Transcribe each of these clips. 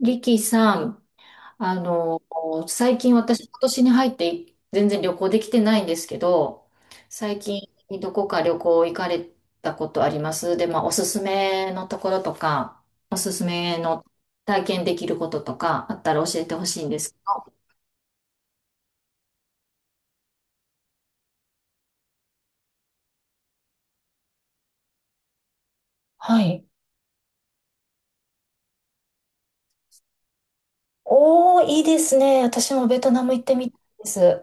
リキさん、あの、最近私、今年に入って全然旅行できてないんですけど、最近どこか旅行行かれたことあります？で、まあ、おすすめのところとか、おすすめの体験できることとかあったら教えてほしいんです。はい。おー、いいですね。私もベトナム行ってみたいです。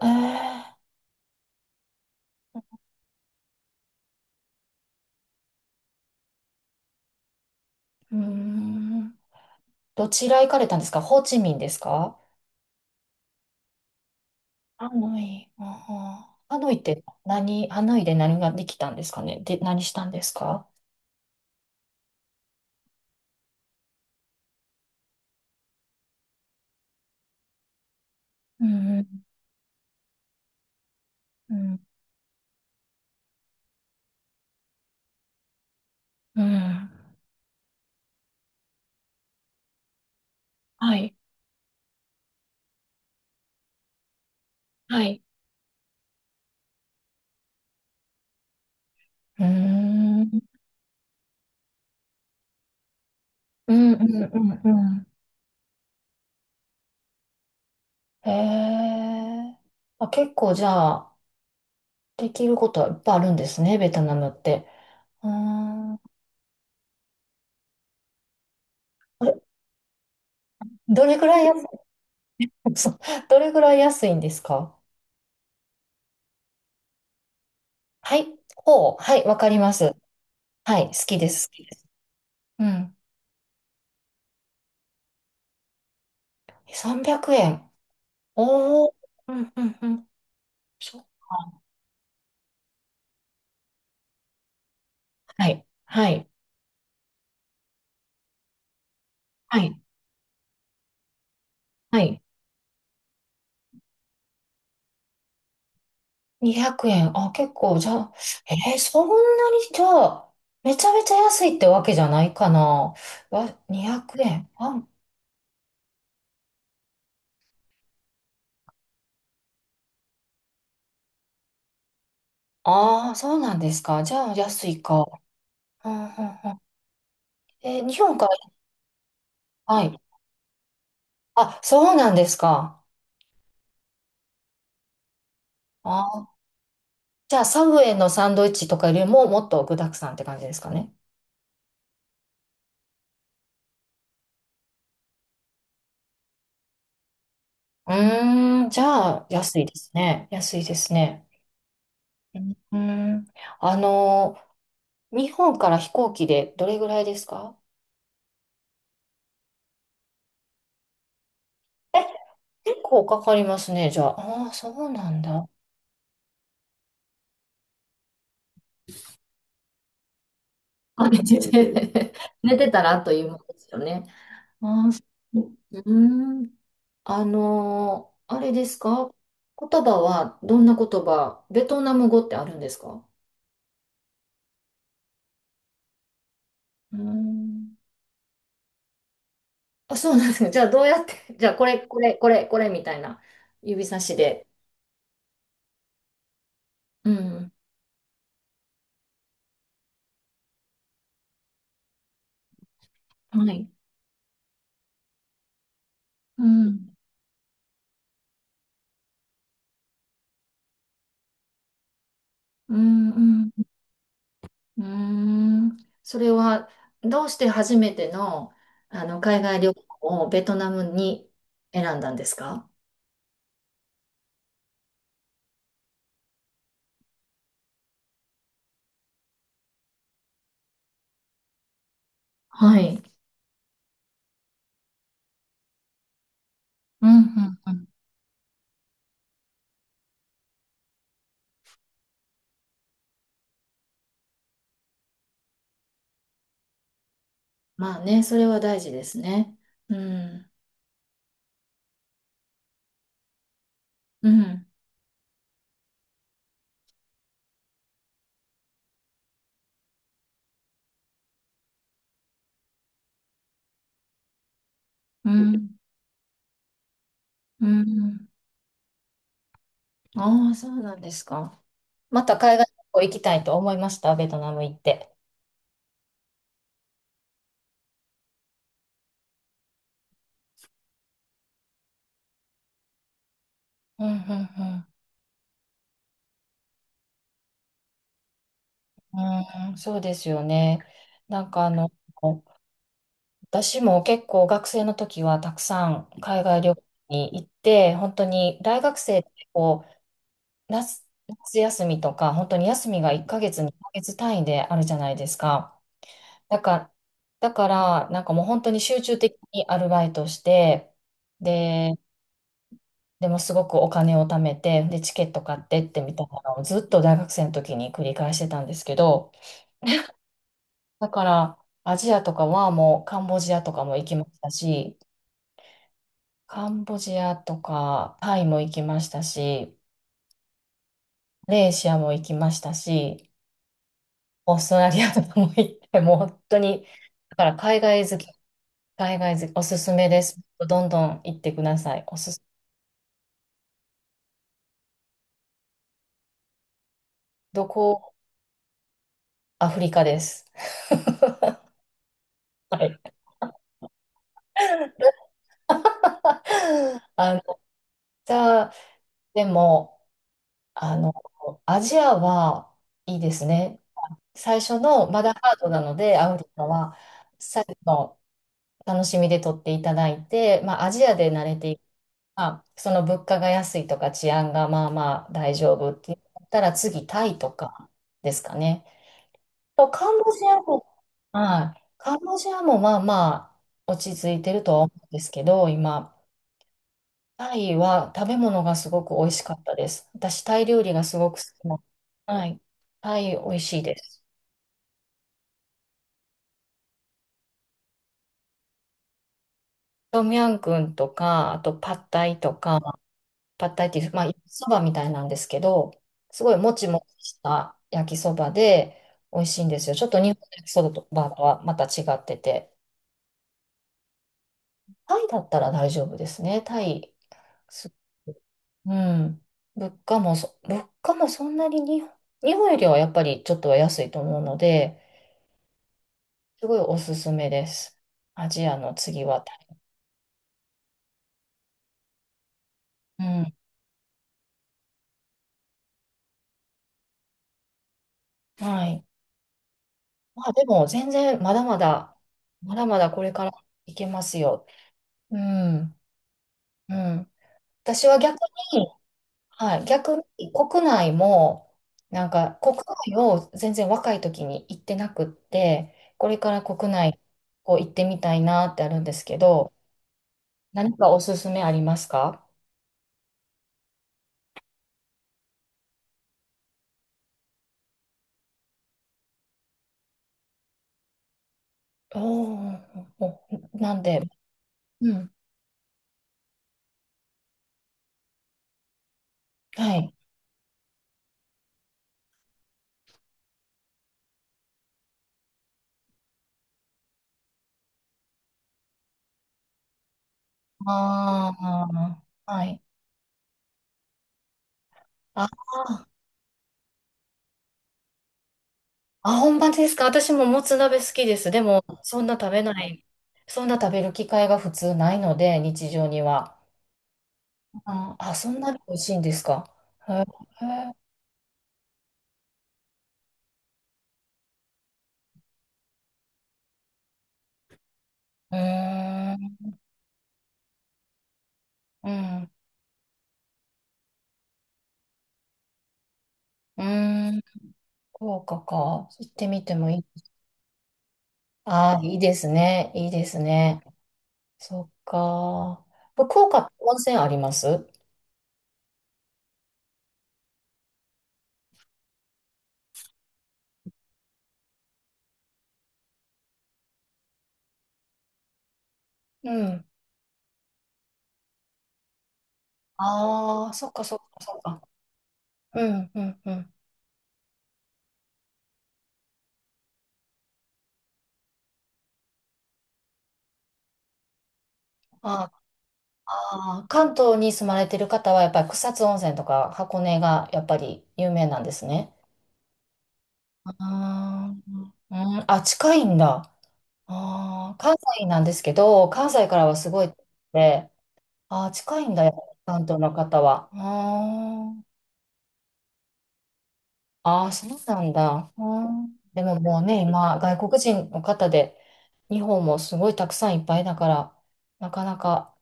うーん。どちら行かれたんですか？ホーチミンですか？ハノイ、ハノイって何？ハノイで何ができたんですかね？で、何したんですか？うんうん、うん、うん。はい、はい。うーん、うん、うん、うん、うん。へえ。あ、結構じゃあ、できることはいっぱいあるんですね、ベトナムって。うーん。あれ、どれぐらい安い、そう、どれぐらい安いんですか？はい、ほう、はい、わかります。はい、好きです、好きです。うん。300円。おーうんうんうん。そっか。はい、はい、はい、はい。200円。あ、結構、じゃあ、そんなに、じゃあ、めちゃめちゃ安いってわけじゃないかな。わ、200円。あ、ああそうなんですか。じゃあ、安いか。うんうんうん。日本から、はい。あ、そうなんですか。あー、じゃあ、サブウェイのサンドイッチとかよりも、もっと具沢山って感じですかね。うーん、じゃあ、安いですね。安いですね。うん。あの、日本から飛行機でどれぐらいですか？え、結構かかりますね、じゃあ。ああ、そうなんだ。あ寝てて寝てたらあっという間ですよね。ああそううん。あれですか？言葉はどんな言葉？ベトナム語ってあるんですか？うん。あ、そうなんですか。じゃあどうやって、じゃあこれ、これ、これ、これみたいな指差しで。うん。はい。うん。うん、うん。うーん。それは、どうして初めての、海外旅行をベトナムに選んだんですか？はい。うん、うん、うん。まあね、それは大事ですね。うん、うん、うん、うん。ああ、そうなんですか。また海外旅行行きたいと思いました、ベトナム行って。うん、うん、うん。うん、そうですよね。なんか私も結構学生の時はたくさん海外旅行に行って、本当に大学生ってこう夏、夏休みとか、本当に休みが1ヶ月、2ヶ月単位であるじゃないですか。だから、だからなんかもう本当に集中的にアルバイトして、で、でもすごくお金を貯めて、で、チケット買ってってみたいなのをずっと大学生の時に繰り返してたんですけど、だからアジアとかはもうカンボジアとかも行きましたし、カンボジアとか、タイも行きましたし、マレーシアも行きましたし、オーストラリアとかも行って、もう本当に、だから海外好き、海外好き、おすすめです。どんどん行ってください。おすす、どこ、アフリカです。はい。あの、じゃあ、でも、あの、アジアはいいですね。最初の、まだハードなので、アフリカは、最後の楽しみで取っていただいて、まあ、アジアで慣れていく、まあ、その物価が安いとか治安がまあまあ大丈夫って言ったら次、タイとかですかね。と、カンボジアも、はい、カンボジアもまあまあ落ち着いてるとは思うんですけど、今、タイは食べ物がすごく美味しかったです。私、タイ料理がすごく好きな、はい。タイ美味しいです。トミヤンクンとか、あとパッタイとか、パッタイっていう、まあ、焼きそばみたいなんですけど、すごいもちもちした焼きそばで美味しいんですよ。ちょっと日本の焼きそばとはまた違ってて。タイだったら大丈夫ですね。タイ。すうん。物価もそんなに日本、よりはやっぱりちょっとは安いと思うので、すごいおすすめです。アジアの次はタイ。うん。はい。まあでも全然まだまだ、まだまだこれからいけますよ。うん。うん。私は逆に、はい、逆に国内も、なんか国内を全然若い時に行ってなくって、これから国内こう行ってみたいなってあるんですけど、何かおすすめありますか？おーお、なんで、うん、はい。ああ、はい。あーあ、本場ですか？私ももつ鍋好きです。でも、そんな食べない、そんな食べる機会が普通ないので、日常には。あ、あ、そんなに美味しいんですか。へえ、うーん、うん、うーん、福岡か。行ってみてもいい。ああ、いいですね。いいですね。そっか。福岡って温泉あります？うん。ああ、そっかそっかそっか。うん、うん、うん。ああ、関東に住まれてる方はやっぱり草津温泉とか箱根がやっぱり有名なんですね。ああ、うん、あ、近いんだ。ああ、関西なんですけど、関西からはすごい遠くて、ああ、近いんだよ、関東の方は。あーあー、そうなんだ。うんでももうね、今、外国人の方で、日本もすごいたくさんいっぱいだから、なかなか、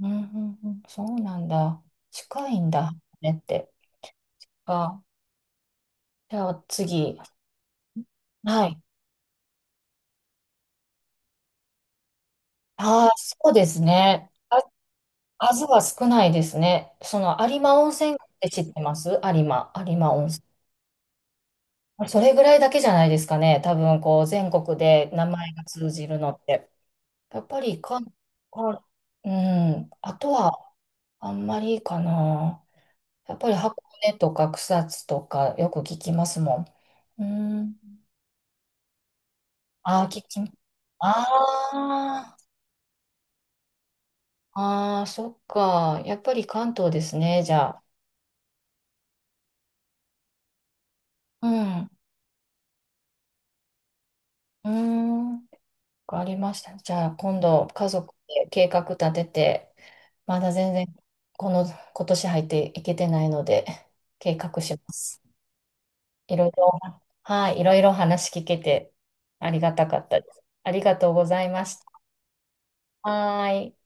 うんうんうんうん、そうなんだ。近いんだ、ねって。あ、じゃあ次。はい。ああ、そうですね。数は少ないですね。その有馬温泉って知ってます？有馬、有馬温泉。それぐらいだけじゃないですかね。多分こう全国で名前が通じるのって。やっぱりか、か、うん、あとはあんまりかな。やっぱり箱根とか草津とかよく聞きますもん。うん。ああ、ああ、ああ、そっか。やっぱり関東ですね、じゃあ。うん。うん。わかりましたね。じゃあ、今度、家族で計画立てて、まだ全然、この、今年入っていけてないので、計画します。いろいろ、はい、いろいろ話聞けて、ありがたかったです。ありがとうございました。はーい。